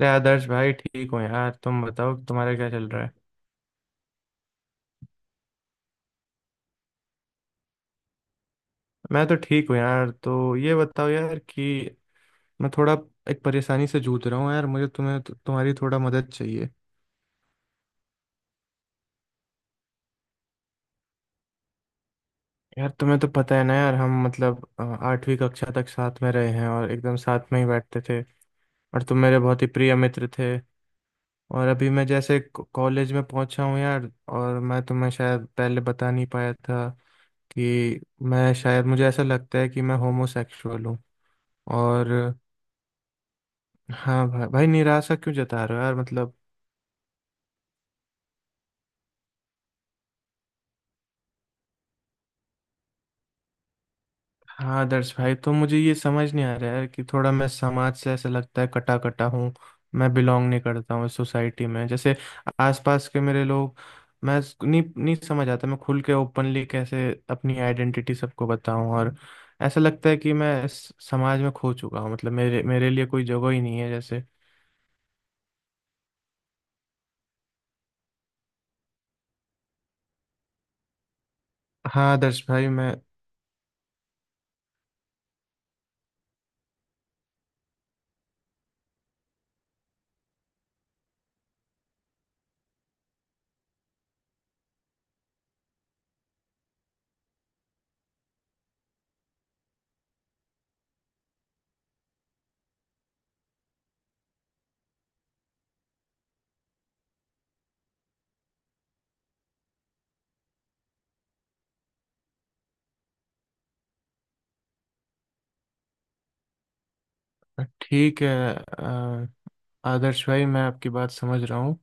अरे आदर्श भाई, ठीक हो? यार तुम बताओ, तुम्हारा क्या चल रहा है। मैं तो ठीक हूँ यार। तो ये बताओ यार कि मैं थोड़ा एक परेशानी से जूझ रहा हूँ यार। मुझे तुम्हारी थोड़ा मदद चाहिए। यार तुम्हें तो पता है ना यार, हम मतलब 8वीं कक्षा तक साथ में रहे हैं और एकदम साथ में ही बैठते थे। और तुम मेरे बहुत ही प्रिय मित्र थे। और अभी मैं जैसे कॉलेज में पहुंचा हूँ यार। और मैं तुम्हें शायद पहले बता नहीं पाया था कि मैं शायद, मुझे ऐसा लगता है कि मैं होमोसेक्सुअल हूँ। और हाँ भाई, भाई निराशा क्यों जता रहे हो यार? मतलब। हाँ आदर्श भाई, तो मुझे ये समझ नहीं आ रहा है कि थोड़ा मैं समाज से, ऐसा लगता है कटा कटा हूँ। मैं बिलोंग नहीं करता हूँ इस सोसाइटी में, जैसे आसपास के मेरे लोग। मैं नहीं नहीं समझ आता, मैं खुल के ओपनली कैसे अपनी आइडेंटिटी सबको बताऊं। और ऐसा लगता है कि मैं इस समाज में खो चुका हूँ, मतलब मेरे मेरे लिए कोई जगह ही नहीं है जैसे। हाँ आदर्श भाई मैं। ठीक है। अ, आदर्श भाई मैं आपकी बात समझ रहा हूँ।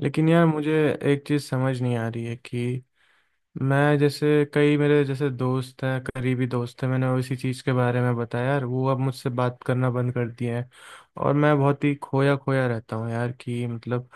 लेकिन यार मुझे एक चीज़ समझ नहीं आ रही है कि मैं जैसे, कई मेरे जैसे दोस्त हैं, करीबी दोस्त हैं, मैंने वो इसी चीज़ के बारे में बताया यार, वो अब मुझसे बात करना बंद कर दिए हैं। और मैं बहुत ही खोया खोया रहता हूँ यार, कि मतलब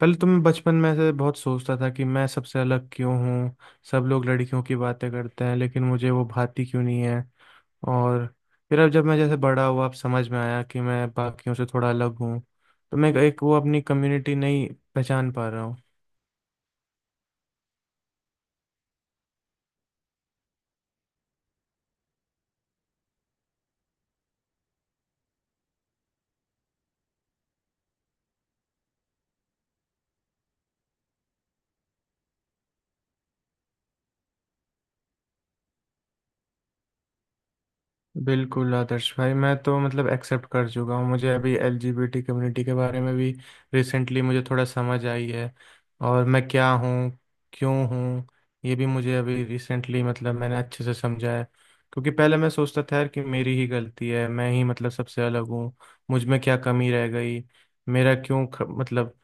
पहले तो मैं बचपन में से बहुत सोचता था कि मैं सबसे अलग क्यों हूँ। सब लोग लड़कियों की बातें करते हैं लेकिन मुझे वो भाती क्यों नहीं है। और फिर अब जब मैं जैसे बड़ा हुआ, अब समझ में आया कि मैं बाकियों से थोड़ा अलग हूँ। तो मैं एक वो अपनी कम्युनिटी नहीं पहचान पा रहा हूँ। बिल्कुल आदर्श भाई, मैं तो मतलब एक्सेप्ट कर चुका हूँ। मुझे अभी एलजीबीटी कम्युनिटी के बारे में भी रिसेंटली मुझे थोड़ा समझ आई है। और मैं क्या हूँ, क्यों हूँ, ये भी मुझे अभी रिसेंटली मतलब मैंने अच्छे से समझा है। क्योंकि पहले मैं सोचता था यार कि मेरी ही गलती है, मैं ही मतलब सबसे अलग हूँ। मुझ में क्या कमी रह गई, मेरा क्यों मतलब।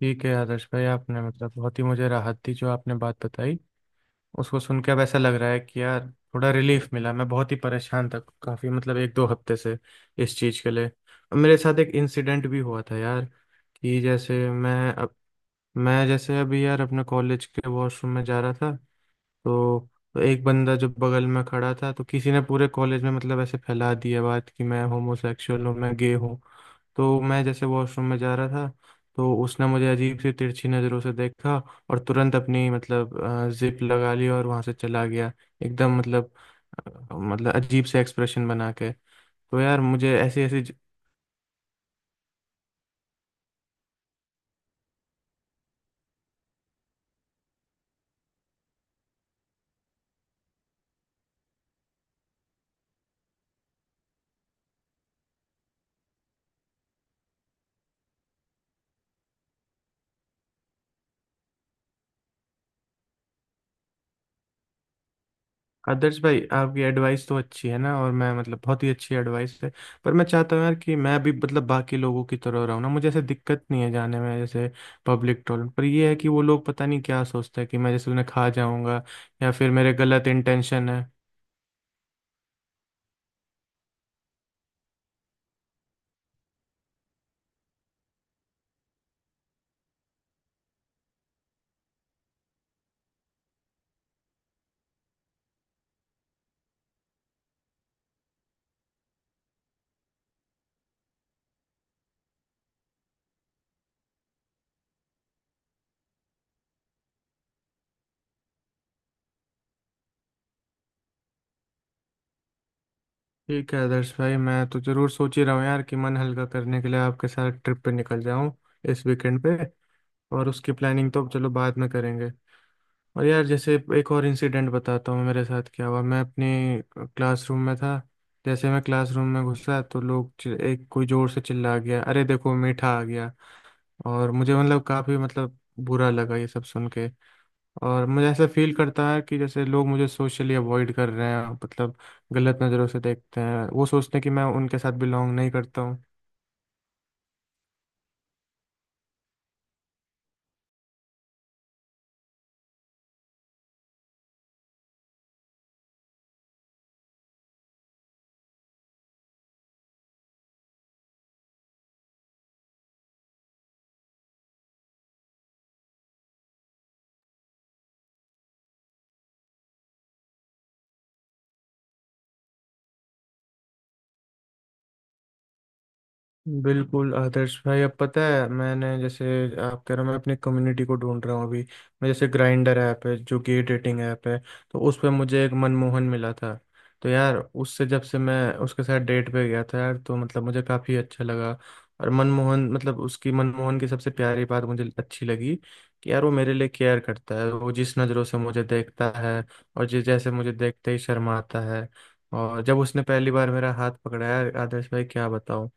ठीक है आदर्श भाई, आपने मतलब बहुत ही मुझे राहत दी। जो आपने बात बताई उसको सुन के अब ऐसा लग रहा है कि यार थोड़ा रिलीफ मिला। मैं बहुत ही परेशान था, काफी मतलब एक दो हफ्ते से इस चीज के लिए। अब मेरे साथ एक इंसिडेंट भी हुआ था यार, कि जैसे मैं अब, मैं जैसे अभी यार अपने कॉलेज के वॉशरूम में जा रहा था। तो तो एक बंदा जो बगल में खड़ा था, तो किसी ने पूरे कॉलेज में मतलब ऐसे फैला दिया बात कि मैं होमोसेक्सुअल हूँ, मैं गे हूँ। तो मैं जैसे वॉशरूम में जा रहा था, तो उसने मुझे अजीब सी तिरछी नज़रों से देखा। और तुरंत अपनी मतलब जिप लगा ली और वहां से चला गया। एकदम मतलब मतलब अजीब से एक्सप्रेशन बना के। तो यार मुझे ऐसी ऐसी। आदर्श भाई आपकी एडवाइस तो अच्छी है ना, और मैं मतलब बहुत ही अच्छी एडवाइस है। पर मैं चाहता हूँ यार कि मैं भी मतलब बाकी लोगों की तरह रहूँ ना, मुझे ऐसे दिक्कत नहीं है जाने में। जैसे पब्लिक टॉयलेट पर ये है कि वो लोग पता नहीं क्या सोचते हैं, कि मैं जैसे उन्हें खा जाऊंगा या फिर मेरे गलत इंटेंशन है। ठीक है आदर्श भाई, मैं तो जरूर सोच ही रहा हूँ यार कि मन हल्का करने के लिए आपके साथ ट्रिप पे निकल जाऊँ इस वीकेंड पे। और उसकी प्लानिंग तो चलो बाद में करेंगे। और यार, जैसे एक और इंसिडेंट बताता हूँ मेरे साथ क्या हुआ। मैं अपनी क्लासरूम में था, जैसे मैं क्लासरूम में घुसा तो लोग एक कोई जोर से चिल्ला गया, अरे देखो मीठा आ गया। और मुझे मतलब काफ़ी मतलब बुरा लगा ये सब सुन के। और मुझे ऐसा फील करता है कि जैसे लोग मुझे सोशली अवॉइड कर रहे हैं, मतलब गलत नज़रों से देखते हैं। वो सोचते हैं कि मैं उनके साथ बिलोंग नहीं करता हूँ। बिल्कुल आदर्श भाई, अब पता है मैंने जैसे, आप कह रहे हो मैं अपनी कम्युनिटी को ढूंढ रहा हूँ अभी। मैं जैसे, ग्राइंडर ऐप है जो गे डेटिंग ऐप है, तो उस पर मुझे एक मनमोहन मिला था। तो यार उससे जब से मैं उसके साथ डेट पे गया था यार, तो मतलब मुझे काफ़ी अच्छा लगा। और मनमोहन मतलब, उसकी मनमोहन की सबसे प्यारी बात मुझे अच्छी लगी कि यार वो मेरे लिए केयर करता है। वो जिस नज़रों से मुझे देखता है, और जिस जैसे मुझे देखते ही शर्माता है। और जब उसने पहली बार मेरा हाथ पकड़ाया, आदर्श भाई क्या बताऊं।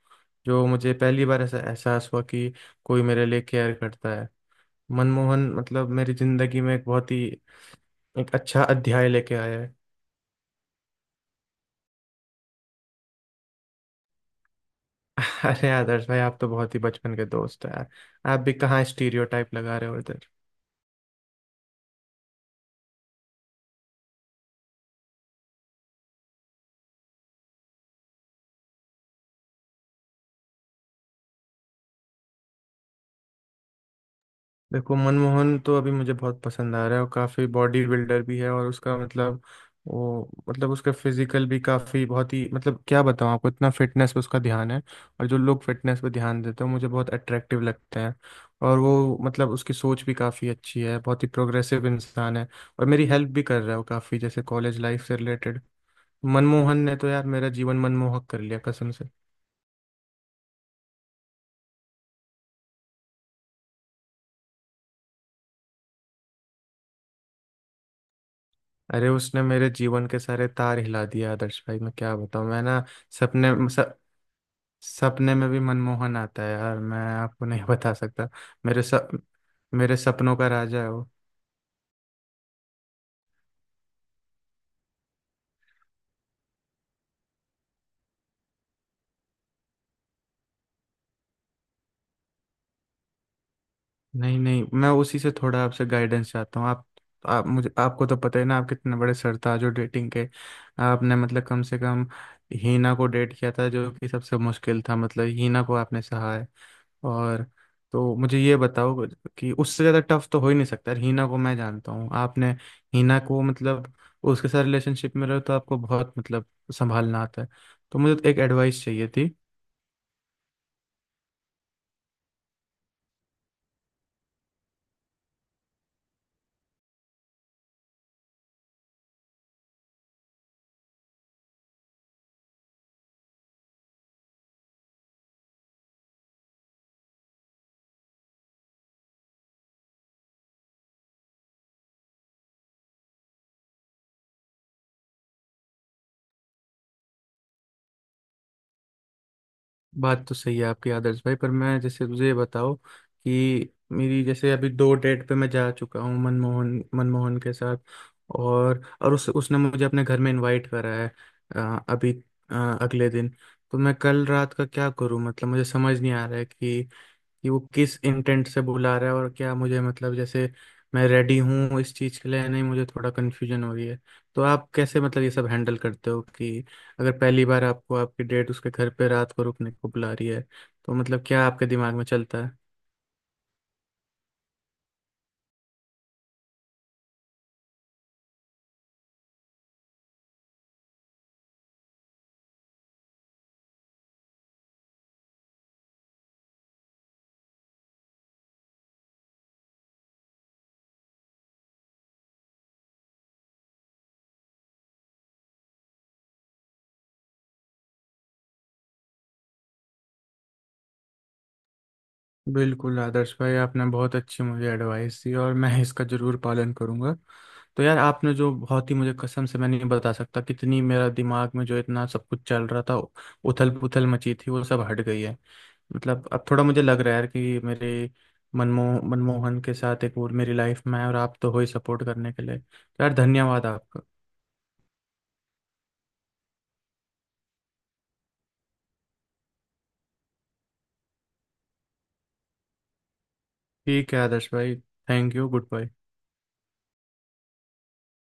जो मुझे पहली बार ऐसा एहसास हुआ कि कोई मेरे लिए केयर करता है। मनमोहन मतलब मेरी जिंदगी में एक बहुत ही, एक अच्छा अध्याय लेके आया है। अरे आदर्श भाई, आप तो बहुत ही बचपन के दोस्त हो यार। आप भी कहाँ स्टीरियोटाइप लगा रहे हो। देखो मनमोहन तो अभी मुझे बहुत पसंद आ रहा है, और काफ़ी बॉडी बिल्डर भी है। और उसका मतलब वो मतलब उसका फिजिकल भी काफ़ी बहुत ही मतलब क्या बताऊँ आपको, इतना फिटनेस पे उसका ध्यान है। और जो लोग फिटनेस पे ध्यान देते हैं मुझे बहुत अट्रैक्टिव लगते हैं। और वो मतलब उसकी सोच भी काफ़ी अच्छी है, बहुत ही प्रोग्रेसिव इंसान है। और मेरी हेल्प भी कर रहा है वो काफ़ी, जैसे कॉलेज लाइफ से रिलेटेड। मनमोहन ने तो यार मेरा जीवन मनमोहक कर लिया कसम से। अरे उसने मेरे जीवन के सारे तार हिला दिया आदर्श भाई, मैं क्या बताऊँ। मैं ना सपने स, सपने में भी मनमोहन आता है यार, मैं आपको नहीं बता सकता। मेरे सप मेरे सपनों का राजा है वो। नहीं नहीं, मैं उसी से थोड़ा आपसे गाइडेंस चाहता हूँ। आप मुझे, आपको तो पता ही ना आप कितने बड़े सरताज हो डेटिंग के। आपने मतलब कम से कम हीना को डेट किया था, जो कि सबसे मुश्किल था। मतलब हीना को आपने सहा है। और तो मुझे ये बताओ कि उससे ज़्यादा टफ तो हो ही नहीं सकता यार, हीना को मैं जानता हूँ, आपने हीना को मतलब, उसके साथ रिलेशनशिप में रहो तो आपको बहुत मतलब संभालना आता है। तो मुझे तो एक एडवाइस चाहिए थी। बात तो सही है आपकी आदर्श भाई, पर मैं जैसे तुझे ये बताओ कि मेरी जैसे अभी दो डेट पे मैं जा चुका हूँ मनमोहन, मनमोहन के साथ। और उस उसने मुझे अपने घर में इनवाइट करा है। अ, अभी अ, अगले दिन। तो मैं कल रात का क्या करूं, मतलब मुझे समझ नहीं आ रहा है कि वो किस इंटेंट से बुला रहा है, और क्या मुझे मतलब जैसे मैं रेडी हूँ इस चीज़ के लिए या नहीं। मुझे थोड़ा कन्फ्यूजन हो रही है। तो आप कैसे मतलब ये सब हैंडल करते हो कि अगर पहली बार आपको आपकी डेट उसके घर पे रात को रुकने को बुला रही है, तो मतलब क्या आपके दिमाग में चलता है। बिल्कुल आदर्श भाई, आपने बहुत अच्छी मुझे एडवाइस दी और मैं इसका ज़रूर पालन करूंगा। तो यार आपने जो बहुत ही मुझे, कसम से मैं नहीं बता सकता कितनी, मेरा दिमाग में जो इतना सब कुछ चल रहा था, उथल पुथल मची थी, वो सब हट गई है। मतलब अब थोड़ा मुझे लग रहा है यार कि मेरे मनमोहन के साथ एक और मेरी लाइफ में है। और आप तो हो ही सपोर्ट करने के लिए, तो यार धन्यवाद आपका। ठीक है आदर्श भाई, थैंक यू, गुड बाय।